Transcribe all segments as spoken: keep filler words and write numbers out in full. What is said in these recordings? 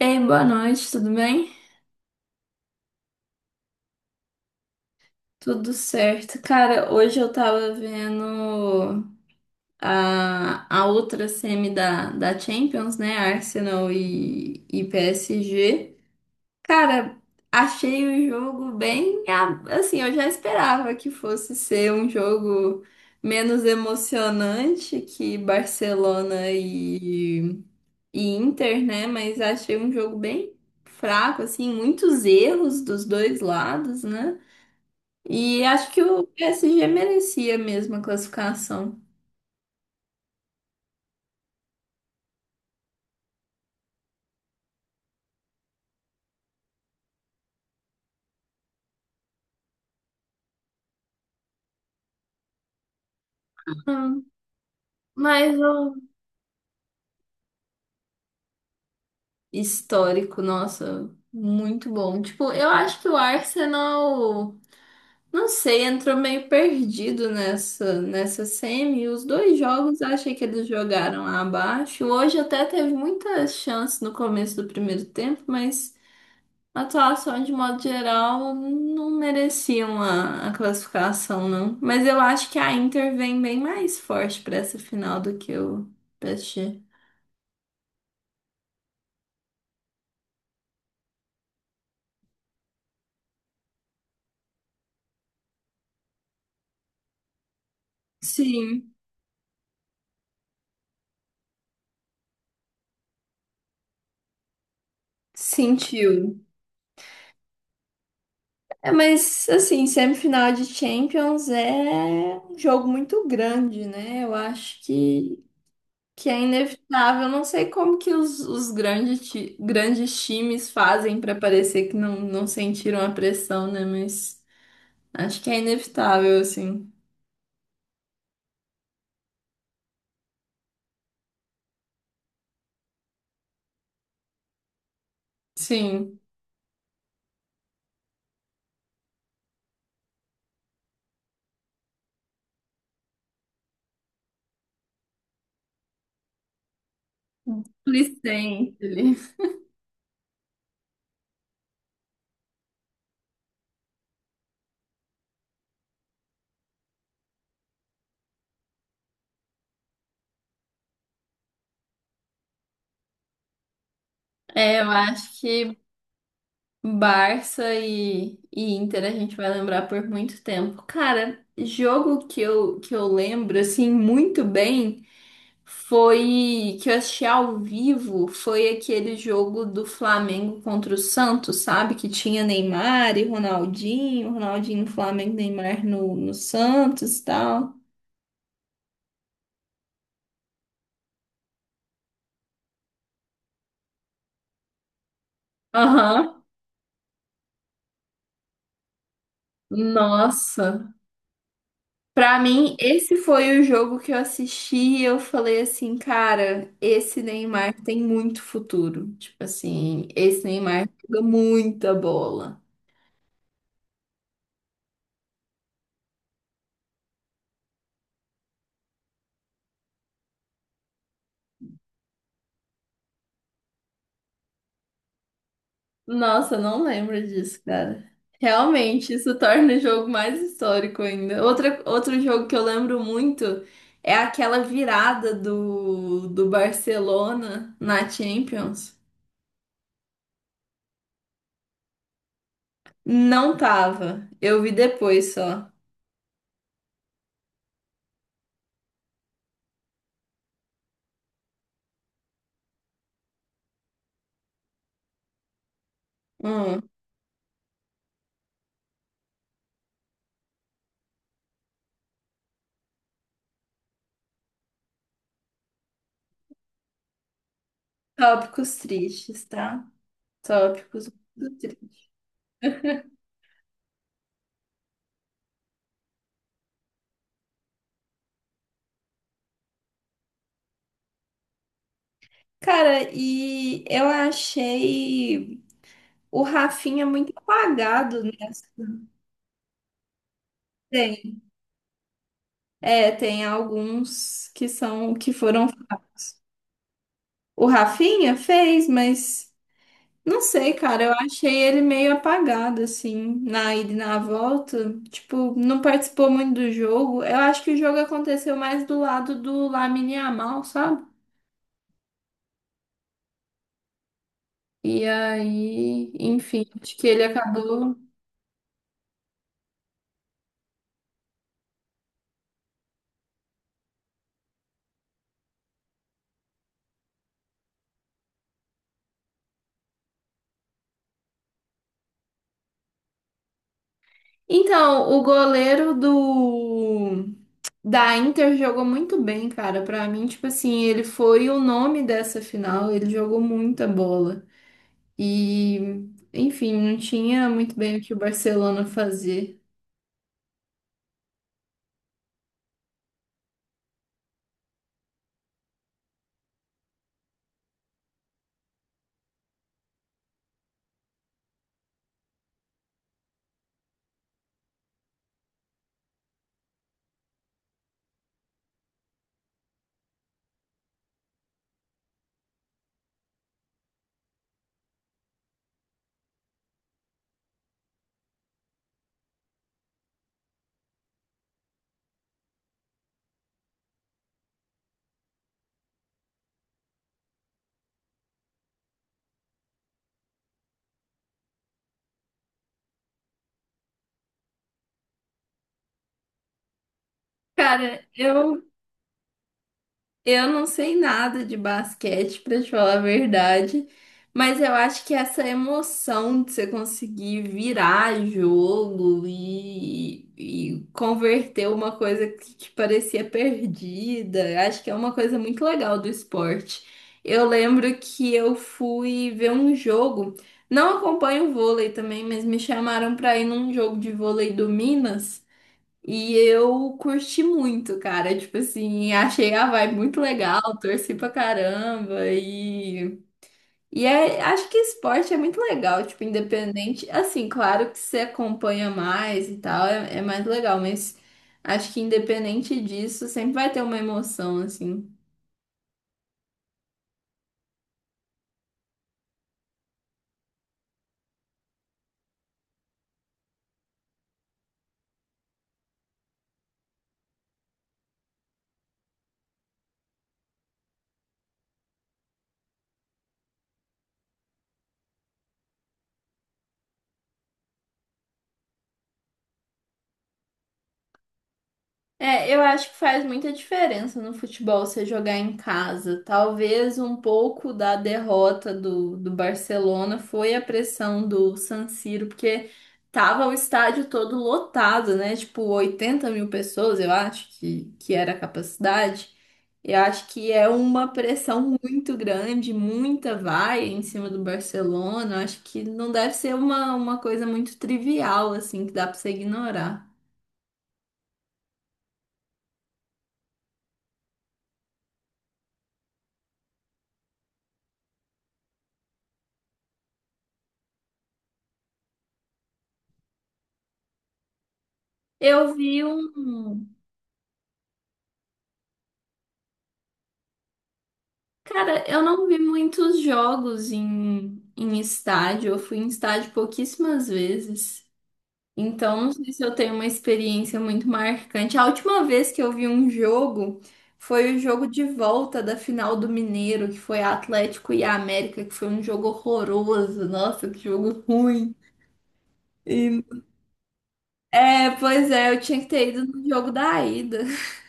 Ei, boa noite, tudo bem? Tudo certo. Cara, hoje eu tava vendo a, a outra semi da, da Champions, né? Arsenal e, e P S G. Cara, achei o jogo bem. a- Assim, eu já esperava que fosse ser um jogo menos emocionante que Barcelona e, e Inter, né? Mas achei um jogo bem fraco, assim, muitos erros dos dois lados, né? E acho que o P S G merecia mesmo a classificação. Hum. Mas o histórico, nossa, muito bom. Tipo, eu acho que o Arsenal, não sei, entrou meio perdido nessa, nessa semi. Os dois jogos eu achei que eles jogaram abaixo. Hoje até teve muitas chances no começo do primeiro tempo, mas a atuação, de modo geral, não mereciam a, a classificação, não. Mas eu acho que a Inter vem bem mais forte para essa final do que o P S G. Sim, sentiu. É, mas, assim, semifinal de Champions é um jogo muito grande, né? Eu acho que, que é inevitável. Eu não sei como que os, os grandes, ti- grandes times fazem para parecer que não, não sentiram a pressão, né? Mas acho que é inevitável, assim. Sim, Licem. Ele. É, eu acho que Barça e, e Inter a gente vai lembrar por muito tempo. Cara, jogo que eu, que eu lembro assim muito bem foi que eu assisti ao vivo, foi aquele jogo do Flamengo contra o Santos, sabe? Que tinha Neymar e Ronaldinho, Ronaldinho no Flamengo, Neymar no, no Santos e tal. Aham. Nossa. Pra mim, esse foi o jogo que eu assisti e eu falei assim, cara, esse Neymar tem muito futuro. Tipo assim, esse Neymar joga muita bola. Nossa, eu não lembro disso, cara. Realmente, isso torna o jogo mais histórico ainda. Outra, outro jogo que eu lembro muito é aquela virada do, do Barcelona na Champions. Não tava. Eu vi depois só. Hum, tópicos tristes, tá? Tópicos muito tristes. Cara, e eu achei o Rafinha muito apagado nessa. Tem, é, tem alguns que são que foram fracos. O Rafinha fez, mas não sei, cara, eu achei ele meio apagado assim, na ida e na volta, tipo, não participou muito do jogo. Eu acho que o jogo aconteceu mais do lado do Lamine Yamal, sabe? E aí, enfim, acho que ele acabou. Então, o goleiro do da Inter jogou muito bem, cara. Pra mim, tipo assim, ele foi o nome dessa final, ele jogou muita bola. E, enfim, não tinha muito bem o que o Barcelona fazer. Cara, eu Eu não sei nada de basquete, pra te falar a verdade, mas eu acho que essa emoção de você conseguir virar jogo e, e converter uma coisa que, que parecia perdida, eu acho que é uma coisa muito legal do esporte. Eu lembro que eu fui ver um jogo, não acompanho o vôlei também, mas me chamaram para ir num jogo de vôlei do Minas. E eu curti muito, cara. Tipo assim, achei a vibe muito legal, torci pra caramba. E, e é- acho que esporte é muito legal, tipo, independente. Assim, claro que você acompanha mais e tal, é, é mais legal, mas acho que independente disso, sempre vai ter uma emoção, assim. É, eu acho que faz muita diferença no futebol você jogar em casa. Talvez um pouco da derrota do, do Barcelona foi a pressão do San Siro, porque tava o estádio todo lotado, né? Tipo, oitenta mil pessoas, eu acho que, que era a capacidade. Eu acho que é uma pressão muito grande, muita vai em cima do Barcelona. Eu acho que não deve ser uma, uma coisa muito trivial, assim, que dá pra você ignorar. Eu vi um. Cara, eu não vi muitos jogos em, em estádio. Eu fui em estádio pouquíssimas vezes. Então, não sei se eu tenho uma experiência muito marcante. A última vez que eu vi um jogo foi o jogo de volta da final do Mineiro, que foi Atlético e América, que foi um jogo horroroso. Nossa, que jogo ruim. E- é, pois é, eu tinha que ter ido no jogo da ida.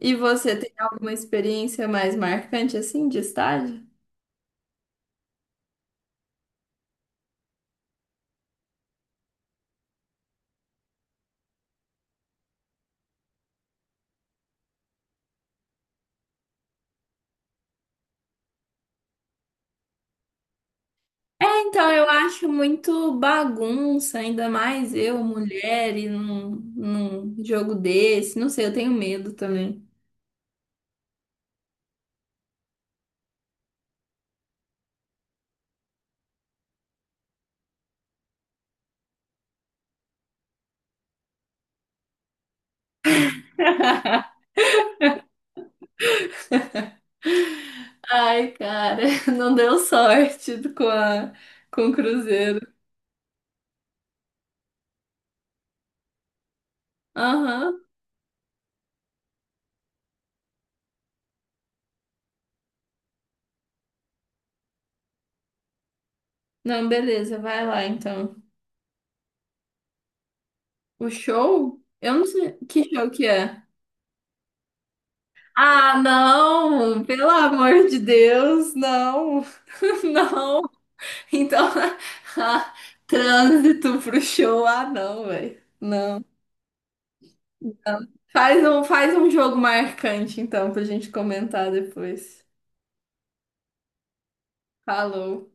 E você tem alguma experiência mais marcante assim de estádio? Então, eu acho muito bagunça, ainda mais eu, mulher, e num, num jogo desse. Não sei, eu tenho medo também. Ai, cara, não deu sorte com a, com o Cruzeiro. Aham. Não, beleza, vai lá então. O show? Eu não sei que show que é. Ah, não! Pelo amor de Deus, não! Não! Então, ah, trânsito pro show, ah, não, velho. Não. Faz um, faz um jogo marcante, então, pra gente comentar depois. Falou.